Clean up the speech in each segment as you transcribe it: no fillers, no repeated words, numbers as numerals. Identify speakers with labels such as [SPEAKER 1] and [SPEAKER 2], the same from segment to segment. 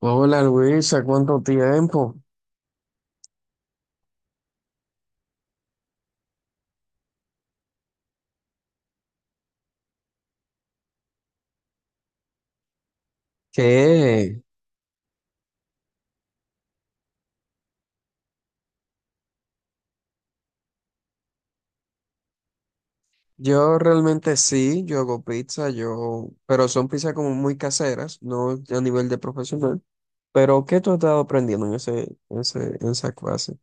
[SPEAKER 1] Hola Luisa, ¿cuánto tiempo? ¿Qué? Yo realmente sí, yo hago pizza, yo, pero son pizzas como muy caseras, no a nivel de profesional. Pero ¿qué tú has estado aprendiendo en esa clase?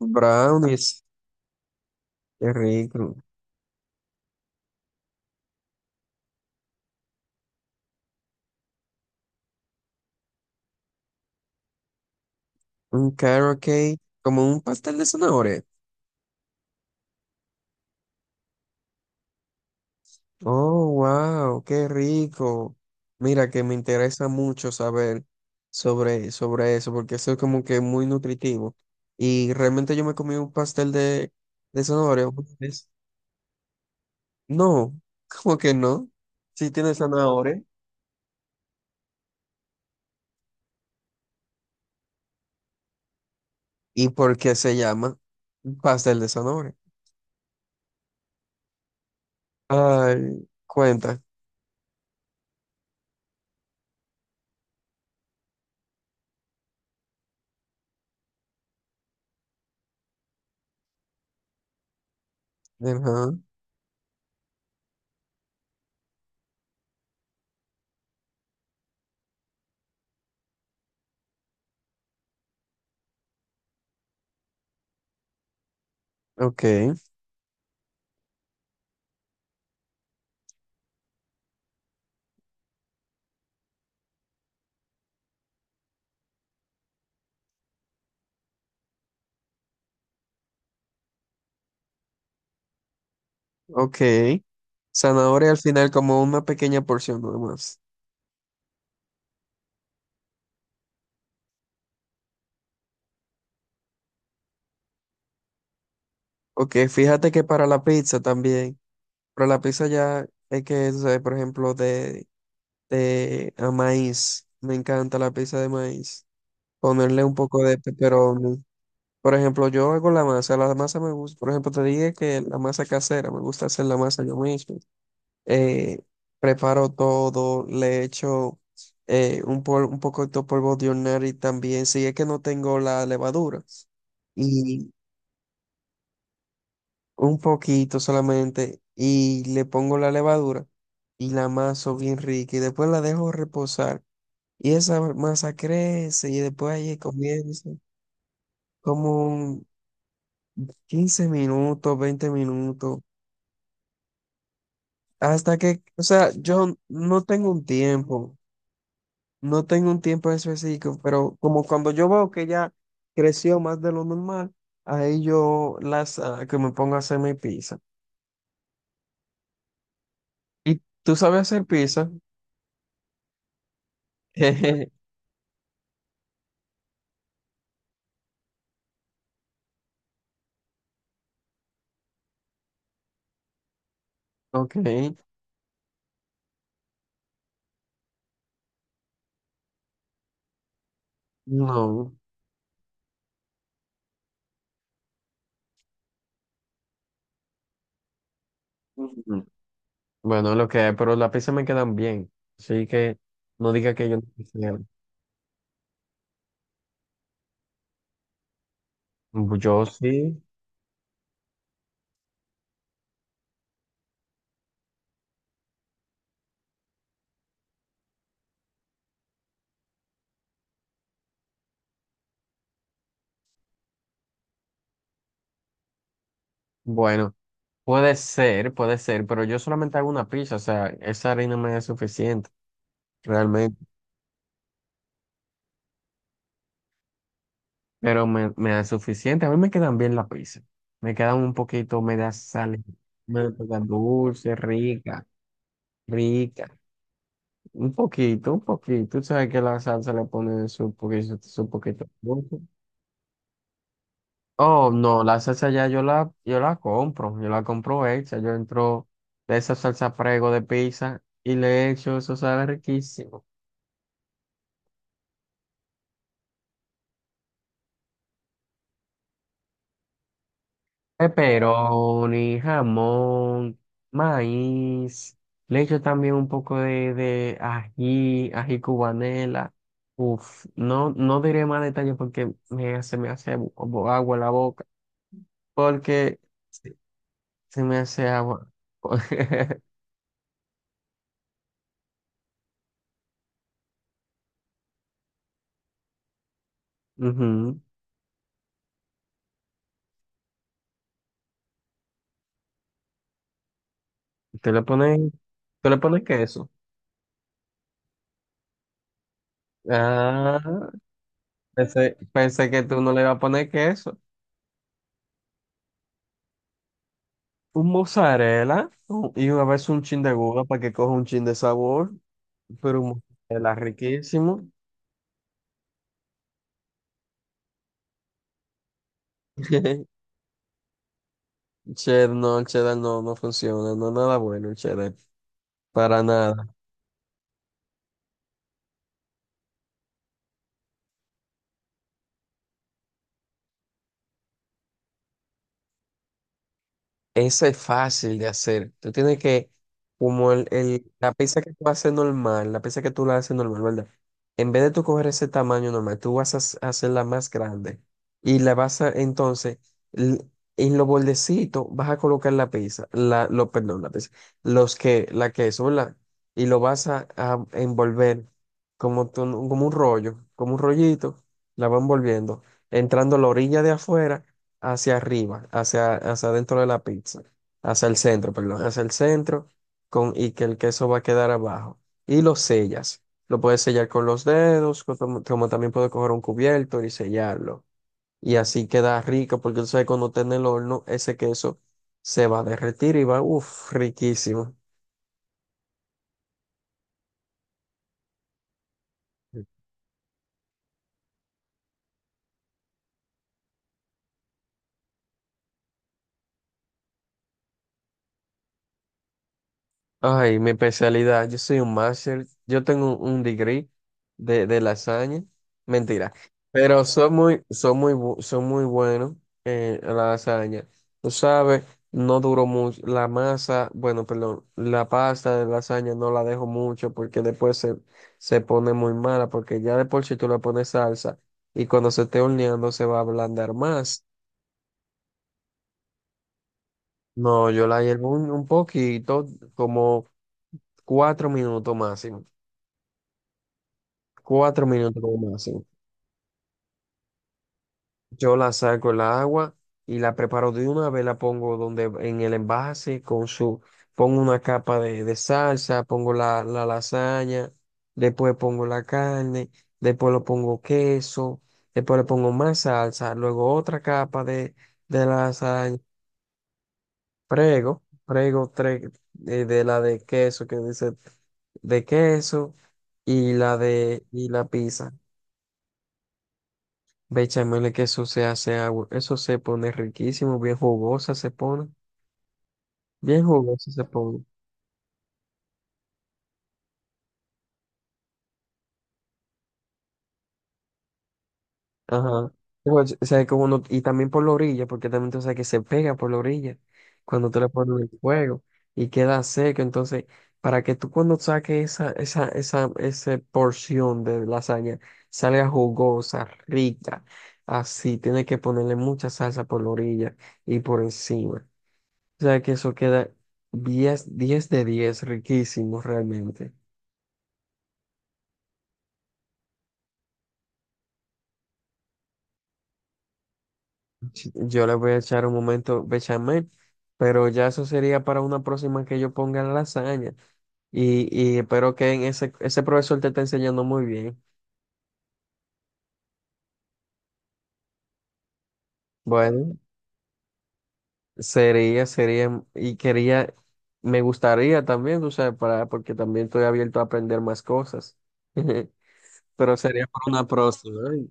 [SPEAKER 1] Brownies, qué rico. Un carrot cake, como un pastel de zanahoria. Oh, wow, qué rico. Mira que me interesa mucho saber sobre eso, porque eso es como que muy nutritivo. Y realmente yo me comí un pastel de zanahoria una vez. No, ¿cómo que no? Sí tiene zanahoria. ¿Y por qué se llama pastel de zanahoria? Ay, cuenta. Ajá, ok, ok. Zanahoria al final como una pequeña porción nomás. Ok, fíjate que para la pizza también. Pero la pizza ya es que, tú sabes, por ejemplo, de a maíz. Me encanta la pizza de maíz. Ponerle un poco de pepperoni. Por ejemplo, yo hago la masa. La masa me gusta. Por ejemplo, te dije que la masa casera, me gusta hacer la masa yo mismo. Eh, preparo todo, le echo un poco de polvo de hornear y también, si es que no tengo la levadura. Y un poquito solamente y le pongo la levadura y la amaso bien rica y después la dejo reposar y esa masa crece y después ahí comienza como un 15 minutos, 20 minutos, hasta que, o sea, yo no tengo un tiempo específico, pero como cuando yo veo que ya creció más de lo normal, ahí yo las que me pongo a hacer mi pizza. ¿Y tú sabes hacer pizza? Ok. No. Mm. Bueno, lo que, hay, pero los lápices me quedan bien. Así que no diga que yo no quisiera. Yo sí. Bueno, puede ser, pero yo solamente hago una pizza. O sea, esa harina me es suficiente, realmente. Pero me da suficiente. A mí me quedan bien las pizzas. Me quedan un poquito, me da sal, me quedan dulce, rica, rica. Un poquito, un poquito. Tú sabes que la salsa le pone su poquito de dulce. Oh, no, la salsa ya yo la compro hecha, yo entro de esa salsa prego de pizza y le echo, eso sabe riquísimo. Pepperoni, jamón, maíz, le echo también un poco de ají cubanela. Uf, no, no diré más detalles porque me hace agua la boca, porque se se me hace agua. Ujú. Tú le pones, tú le pones queso. Ah, pensé que tú no le ibas a poner queso. Un mozzarella y una vez un chin de gouda para que coja un chin de sabor, pero un mozzarella riquísimo. Cheddar, no, el cheddar no, no funciona, no es nada bueno el cheddar, para nada. Eso es fácil de hacer. Tú tienes que, como la pizza que tú haces normal, la pizza que tú la haces normal, ¿verdad? En vez de tú coger ese tamaño normal, tú vas a hacerla más grande. Y la vas a, entonces, l- en los bordecitos vas a colocar la pizza, la, lo, perdón, la pizza, los que, la queso, ¿verdad? Y lo vas a envolver como, como un rollo, como un rollito, la va envolviendo, entrando a la orilla de afuera hacia arriba, hacia dentro de la pizza, hacia el centro, perdón, hacia el centro, y que el queso va a quedar abajo. Y lo sellas. Lo puedes sellar con los dedos, como también puedes coger un cubierto y sellarlo. Y así queda rico, porque tú sabes, cuando esté en el horno, ese queso se va a derretir y va, uff, riquísimo. Ay, mi especialidad, yo soy un máster, yo tengo un degree de lasaña, mentira, pero soy muy bueno en la lasaña. Tú sabes, no duró mucho, la masa, bueno, perdón, la pasta de lasaña no la dejo mucho porque después se pone muy mala, porque ya de por sí tú le pones salsa y cuando se esté horneando se va a ablandar más. No, yo la hiervo un poquito, como 4 minutos máximo. 4 minutos como máximo. Yo la saco el agua y la preparo de una vez, la pongo donde en el envase con su, pongo una capa de salsa, pongo la lasaña, después pongo la carne, después lo pongo queso, después le pongo más salsa, luego otra capa de lasaña, prego tres, de la de queso que dice de queso y la de y la pizza. Ve, Chaimele, que eso se hace agua, eso se pone riquísimo, bien jugosa se pone, bien jugosa se pone. Ajá. Igual, o sea, como y también por la orilla, porque también tú sabes que se pega por la orilla cuando tú le pones el fuego y queda seco. Entonces, para que tú cuando saques esa porción de lasaña salga jugosa, rica, así, tienes que ponerle mucha salsa por la orilla y por encima. O sea que eso queda 10 10 de 10 riquísimo realmente. Yo le voy a echar un momento bechamel, pero ya eso sería para una próxima que yo ponga la lasaña. Y, y espero que en ese profesor te esté enseñando muy bien. Bueno, sería, sería, mm, y quería, me gustaría también, tú sabes, porque también estoy abierto a aprender más cosas. Pero sería para una próxima. ¿Eh?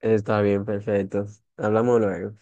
[SPEAKER 1] Está bien, perfecto. Hablamos luego.